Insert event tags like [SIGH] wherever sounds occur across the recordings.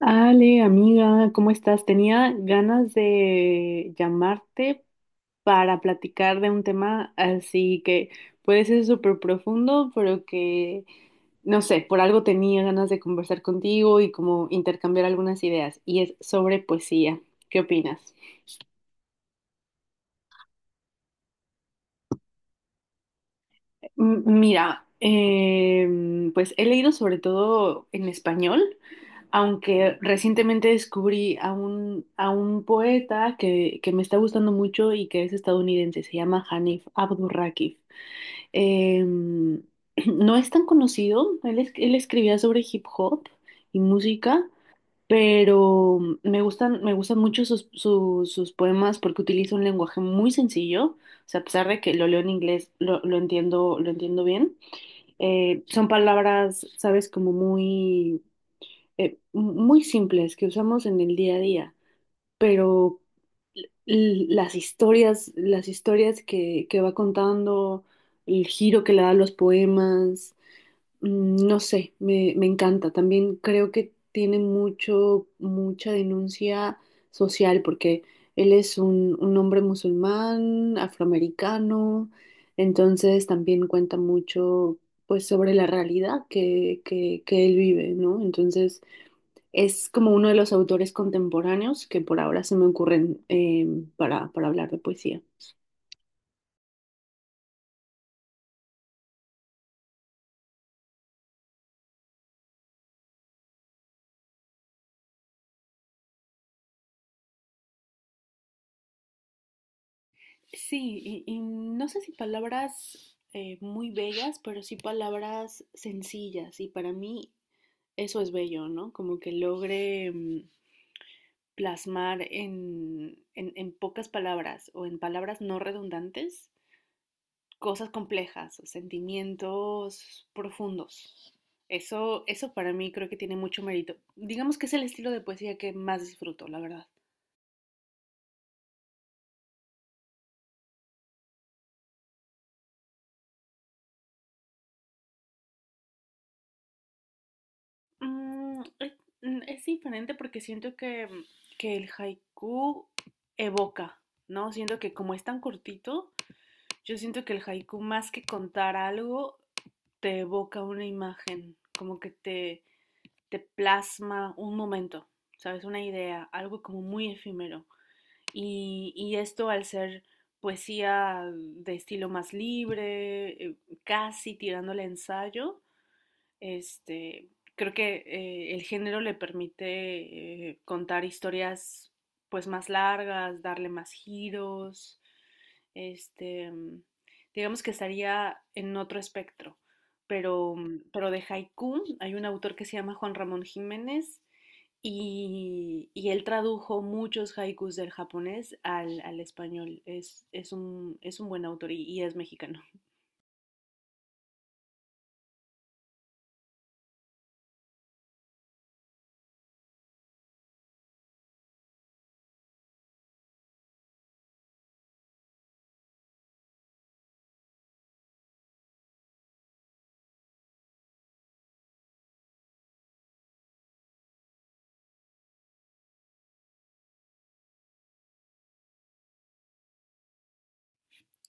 Ale, amiga, ¿cómo estás? Tenía ganas de llamarte para platicar de un tema así que puede ser súper profundo, pero no sé, por algo tenía ganas de conversar contigo y como intercambiar algunas ideas, y es sobre poesía. ¿Qué opinas? Mira, pues he leído sobre todo en español, aunque recientemente descubrí a un poeta que me está gustando mucho y que es estadounidense, se llama Hanif Abdurrakif. [CLEARS THROAT] No es tan conocido, él escribía sobre hip hop y música, pero me gustan mucho sus poemas porque utiliza un lenguaje muy sencillo, o sea, a pesar de que lo leo en inglés, lo entiendo bien. Son palabras, sabes, como muy simples que usamos en el día a día, pero las historias que va contando, el giro que le da a los poemas, mm, no sé, me encanta. También creo que tiene mucha denuncia social, porque él es un hombre musulmán, afroamericano, entonces también cuenta mucho, pues, sobre la realidad que él vive, ¿no? Entonces, es como uno de los autores contemporáneos que por ahora se me ocurren para hablar de poesía. Sí, y no sé si palabras muy bellas, pero sí palabras sencillas. Y para mí eso es bello, ¿no? Como que logre, mm, plasmar en pocas palabras o en palabras no redundantes cosas complejas, sentimientos profundos. Eso para mí creo que tiene mucho mérito. Digamos que es el estilo de poesía que más disfruto, la verdad. Mm, es, es diferente porque siento que el haiku evoca, ¿no? Siento que como es tan cortito, yo siento que el haiku, más que contar algo, te evoca una imagen, como que te plasma un momento, ¿sabes? Una idea, algo como muy efímero. Y esto, al ser poesía de estilo más libre, casi tirándole a ensayo, este, creo que el género le permite, contar historias pues más largas, darle más giros, este, mm, digamos que estaría en otro espectro, pero, mm, pero de haiku hay un autor que se llama Juan Ramón Jiménez. Y y, él tradujo muchos haikus del japonés al español. Es un buen autor y es mexicano.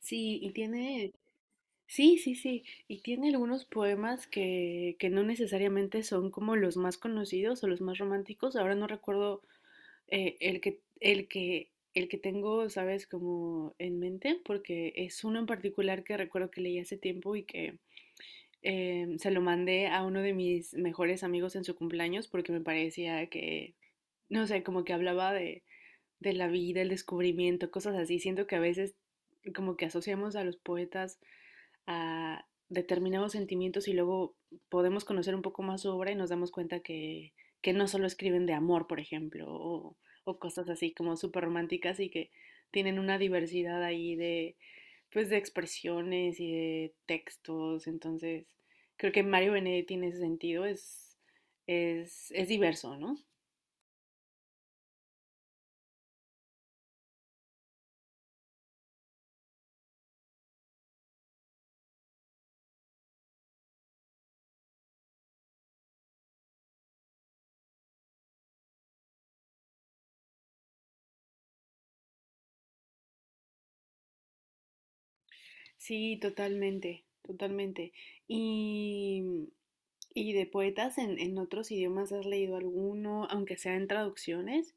Sí, y tiene, sí, sí, sí, y tiene algunos poemas que no necesariamente son como los más conocidos o los más románticos. Ahora no recuerdo, el que tengo, ¿sabes? Como en mente, porque es uno en particular que recuerdo que leí hace tiempo y que, se lo mandé a uno de mis mejores amigos en su cumpleaños porque me parecía que, no sé, como que hablaba de la vida, el descubrimiento, cosas así. Siento que a veces como que asociamos a los poetas a determinados sentimientos y luego podemos conocer un poco más su obra y nos damos cuenta que no solo escriben de amor, por ejemplo, o cosas así como súper románticas, y que tienen una diversidad ahí de, pues, de expresiones y de textos. Entonces, creo que Mario Benedetti en ese sentido es diverso, ¿no? Sí, totalmente, totalmente. Y, y de poetas en otros idiomas, ¿has leído alguno, aunque sea en traducciones?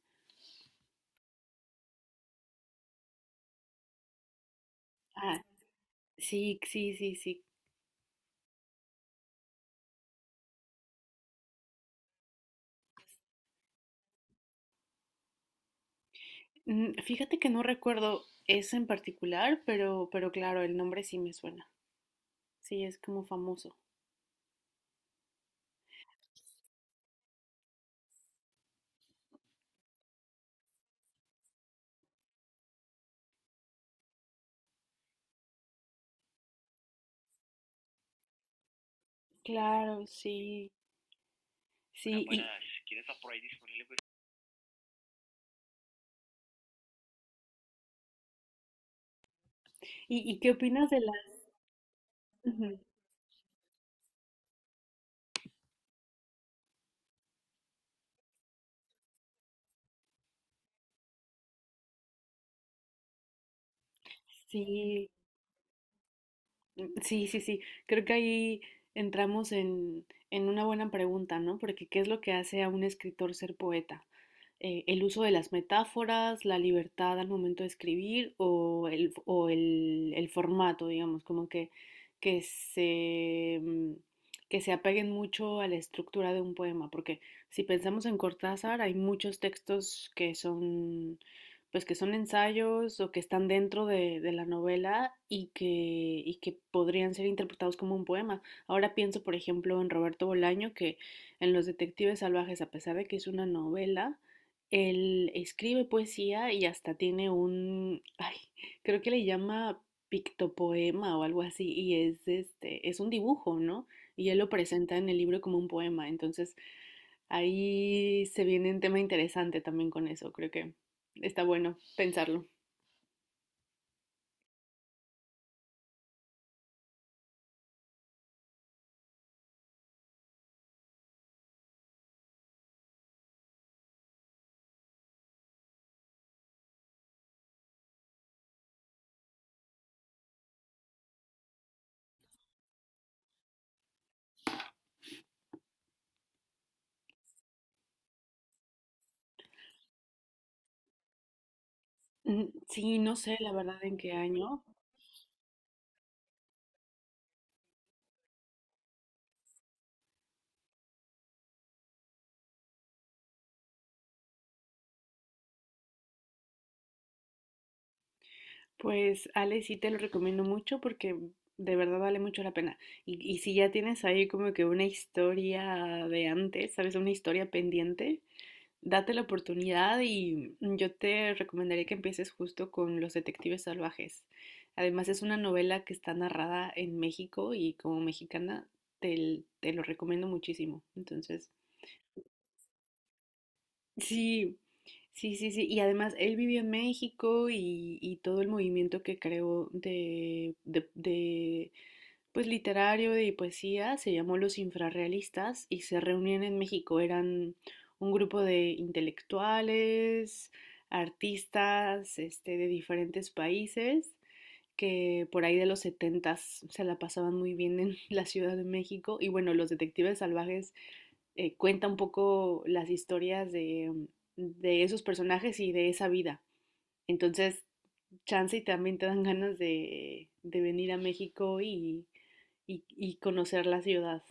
Ah, sí, sí, sí, sí. Mm, fíjate que no recuerdo ese en particular, pero claro, el nombre sí me suena. Sí, es como famoso. Claro, sí, sí. ¿Y qué opinas de la... Ujú. Sí, sí, sí, sí. Creo que ahí entramos en una buena pregunta, ¿no? Porque ¿qué es lo que hace a un escritor ser poeta? ¿El uso de las metáforas, la libertad al momento de escribir o el formato, digamos, como que, que se, mm, que se apeguen mucho a la estructura de un poema? Porque si pensamos en Cortázar, hay muchos textos que son, pues que son ensayos o que están dentro de la novela y que podrían ser interpretados como un poema. Ahora pienso, por ejemplo, en Roberto Bolaño, que en Los Detectives Salvajes, a pesar de que es una novela, él escribe poesía y hasta tiene un, [LAUGHS] ay, creo que le llama pictopoema o algo así, y es es un dibujo, ¿no? Y él lo presenta en el libro como un poema. Entonces, ahí se viene un tema interesante también con eso, creo que está bueno pensarlo. Mm, sí, no sé la verdad en qué año. Pues Ale, sí te lo recomiendo mucho porque de verdad vale mucho la pena. Y si ya tienes ahí como que una historia de antes, ¿sabes? Una historia pendiente, date la oportunidad y, mm, yo te recomendaría que empieces justo con Los Detectives Salvajes. Además es una novela que está narrada en México y, como mexicana, te lo recomiendo muchísimo. Entonces, sí, sí, sí, sí. Y además él vivió en México y todo el movimiento que creó de pues literario de poesía, se llamó Los Infrarrealistas y se reunían en México. Eran un grupo de intelectuales, artistas, este, de diferentes países que por ahí de los setentas se la pasaban muy bien en [LAUGHS] la Ciudad de México. Y bueno, Los Detectives Salvajes, cuenta un poco las historias de esos personajes y de esa vida. Entonces, chance y también te dan ganas de venir a México y conocer la ciudad.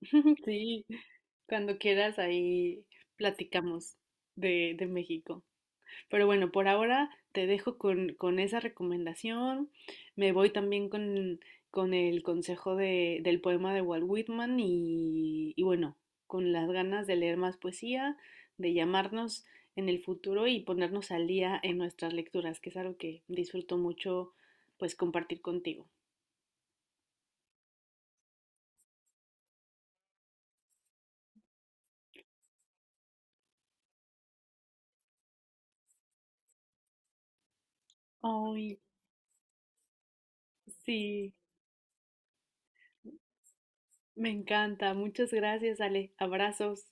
[LAUGHS] Sí, cuando quieras ahí platicamos de México. Pero bueno, por ahora te dejo con esa recomendación. Me voy también con el consejo del poema de Walt Whitman y bueno, con las ganas de leer más poesía, de llamarnos en el futuro y ponernos al día en nuestras lecturas, que es algo que disfruto mucho pues compartir contigo. Ay, sí, me encanta. Muchas gracias, Ale. Abrazos.